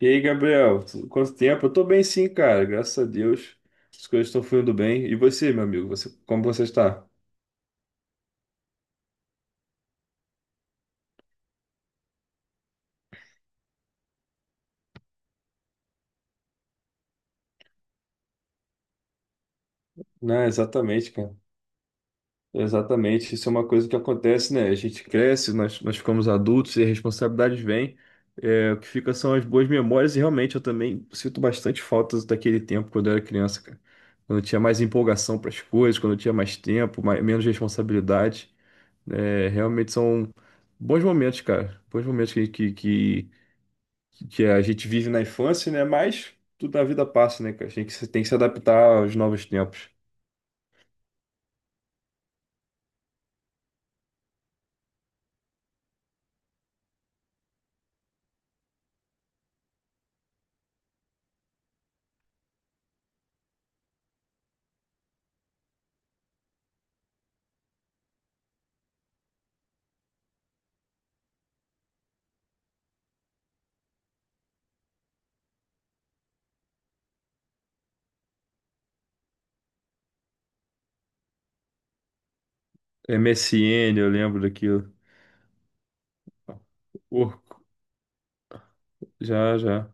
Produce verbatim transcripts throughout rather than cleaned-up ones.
E aí, Gabriel, tu- quanto tempo? Eu tô bem sim, cara, graças a Deus. As coisas estão fluindo bem. E você, meu amigo, você, como você está? Não, exatamente, cara. Exatamente. Isso é uma coisa que acontece, né? A gente cresce, nós, nós ficamos adultos e as responsabilidades vêm. É, o que fica são as boas memórias, e realmente eu também sinto bastante faltas daquele tempo quando eu era criança, cara. Quando eu tinha mais empolgação para as coisas, quando eu tinha mais tempo, mais, menos responsabilidade. É, realmente são bons momentos, cara. Bons momentos que, que, que que a gente vive na infância, né? Mas tudo na vida passa, né, cara? A gente tem que se tem que se adaptar aos novos tempos. M S N, eu lembro daquilo. Orkut, já, já.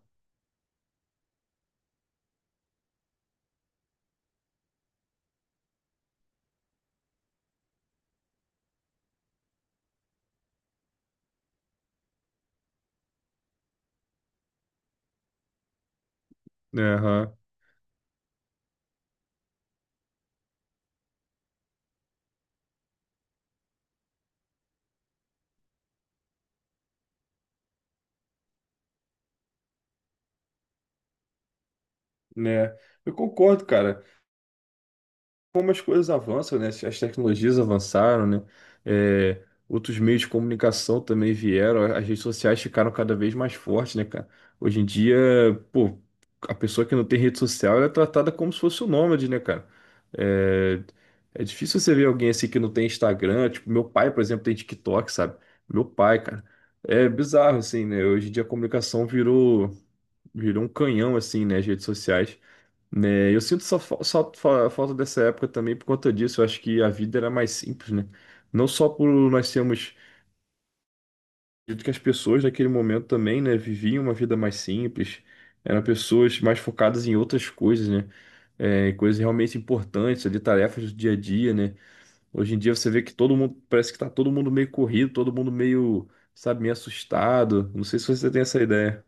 Né, aham. Né. Eu concordo, cara. Como as coisas avançam, né? As tecnologias avançaram, né? É, outros meios de comunicação também vieram, as redes sociais ficaram cada vez mais fortes, né, cara? Hoje em dia, pô, a pessoa que não tem rede social, ela é tratada como se fosse um nômade, né, cara? É, é difícil você ver alguém assim que não tem Instagram, tipo, meu pai, por exemplo, tem TikTok, sabe? Meu pai, cara. É bizarro, assim, né? Hoje em dia a comunicação virou, virou um canhão, assim, né? As redes sociais né? Eu sinto só, fa- só fa- falta dessa época também por conta disso. Eu acho que a vida era mais simples, né? Não só por nós sermos, acredito que as pessoas naquele momento também, né, viviam uma vida mais simples. Eram pessoas mais focadas em outras coisas, né? É, em coisas realmente importantes, ali, tarefas do dia a dia, né? Hoje em dia você vê que todo mundo, parece que tá todo mundo meio corrido, todo mundo meio, sabe, meio assustado. Não sei se você tem essa ideia.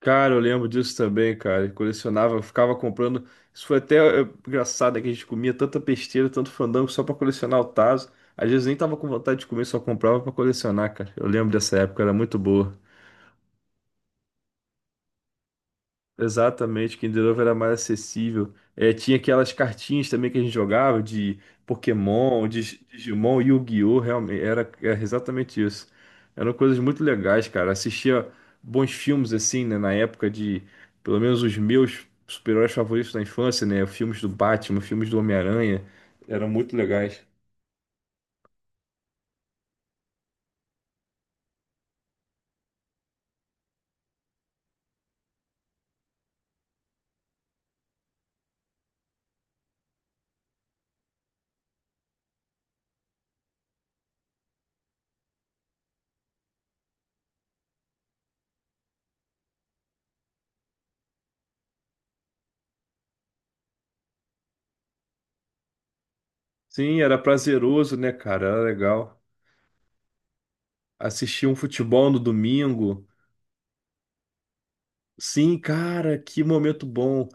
Cara, eu lembro disso também, cara. Eu colecionava, eu ficava comprando. Isso foi até eh, engraçado, é que a gente comia tanta besteira, tanto fandango só pra colecionar o Tazo. Às vezes nem tava com vontade de comer, só comprava pra colecionar, cara. Eu lembro dessa época, era muito boa. Exatamente, Kinder Ovo era mais acessível. É, tinha aquelas cartinhas também que a gente jogava de Pokémon, de Digimon, Yu-Gi-Oh! Realmente, era, era exatamente isso. Eram coisas muito legais, cara. Assistia bons filmes assim, né, na época de, pelo menos os meus super-heróis favoritos da infância, né? Filmes do Batman, filmes do Homem-Aranha, eram muito legais. Sim, era prazeroso, né, cara? Era legal. Assistia um futebol no domingo. Sim, cara, que momento bom.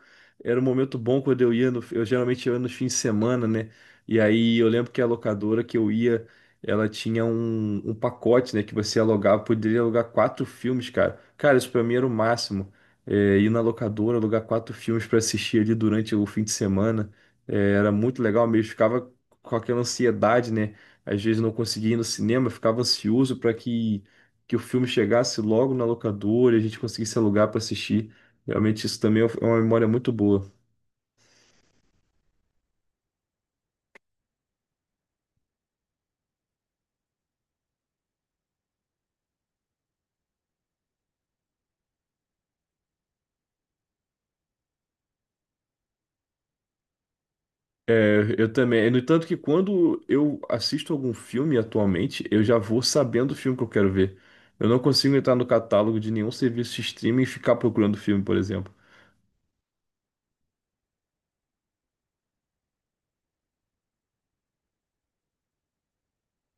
Era um momento bom quando eu ia no, eu geralmente ia nos fins de semana, né? E aí eu lembro que a locadora que eu ia, ela tinha um, um pacote, né, que você alugava, poderia alugar quatro filmes, cara. Cara, isso pra mim era o máximo. É, ir na locadora, alugar quatro filmes pra assistir ali durante o fim de semana. É, era muito legal mesmo, ficava com aquela ansiedade, né? Às vezes não conseguia ir no cinema, eu ficava ansioso pra que que o filme chegasse logo na locadora e a gente conseguisse alugar para assistir. Realmente isso também é uma memória muito boa. É, eu também. No entanto que quando eu assisto algum filme atualmente, eu já vou sabendo o filme que eu quero ver. Eu não consigo entrar no catálogo de nenhum serviço de streaming e ficar procurando filme, por exemplo.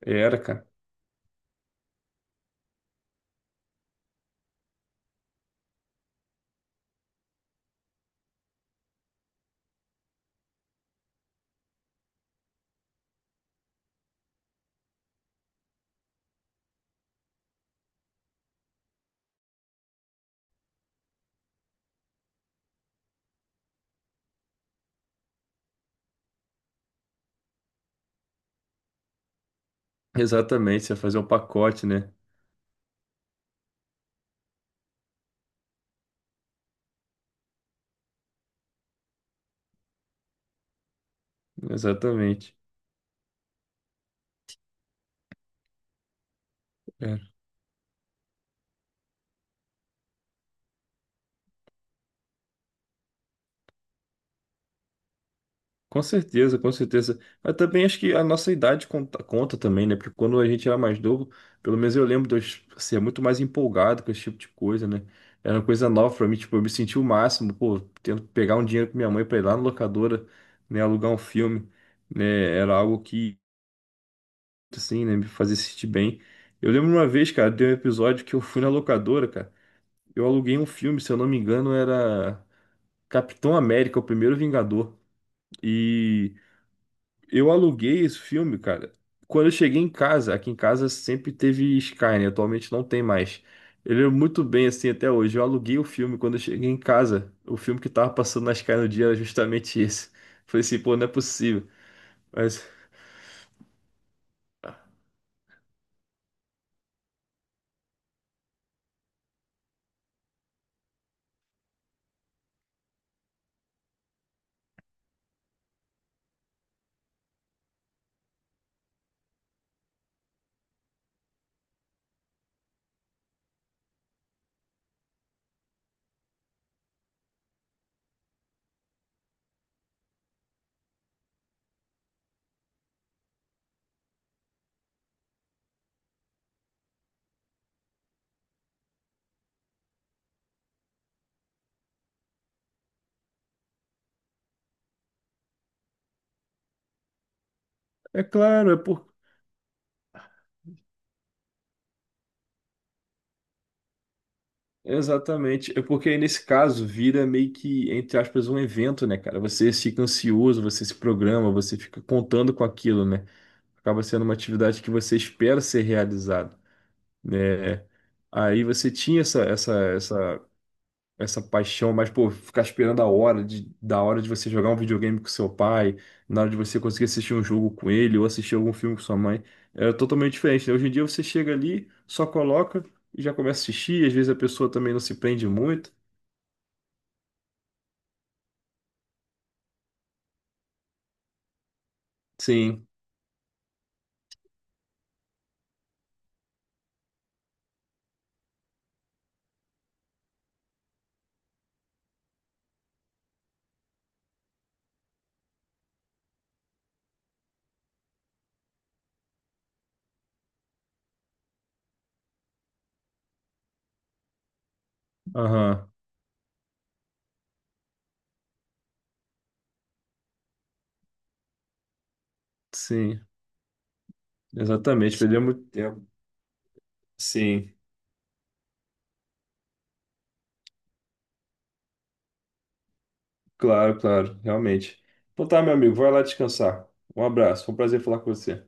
Era, cara. Exatamente, você ia fazer um pacote, né? Exatamente. É. Com certeza, com certeza. Mas também acho que a nossa idade conta, conta também, né? Porque quando a gente era mais novo, pelo menos eu lembro de eu ser muito mais empolgado com esse tipo de coisa, né? Era uma coisa nova pra mim, tipo, eu me senti o máximo, pô, tendo que pegar um dinheiro com minha mãe pra ir lá na locadora, né, alugar um filme, né? Era algo que, assim, né, me fazia sentir bem. Eu lembro uma vez, cara, de um episódio que eu fui na locadora, cara. Eu aluguei um filme, se eu não me engano, era Capitão América, o Primeiro Vingador. E. Eu aluguei esse filme, cara. Quando eu cheguei em casa, aqui em casa sempre teve Sky, né? Atualmente não tem mais. Ele é muito bem assim até hoje. Eu aluguei o filme quando eu cheguei em casa. O filme que tava passando na Sky no dia era justamente esse. Falei assim, pô, não é possível. Mas é claro, é por exatamente, é porque aí nesse caso vira meio que entre aspas um evento, né, cara? Você fica ansioso, você se programa, você fica contando com aquilo, né? Acaba sendo uma atividade que você espera ser realizada. Né? Aí você tinha essa, essa, essa, essa paixão, mas, pô, ficar esperando a hora de, da hora de você jogar um videogame com seu pai, na hora de você conseguir assistir um jogo com ele ou assistir algum filme com sua mãe, era totalmente diferente, né? Hoje em dia você chega ali, só coloca e já começa a assistir, às vezes a pessoa também não se prende muito. Sim, aham, sim, exatamente, perdeu muito tempo. Sim, claro, claro, realmente. Então tá, meu amigo, vai lá descansar. Um abraço, foi um prazer falar com você.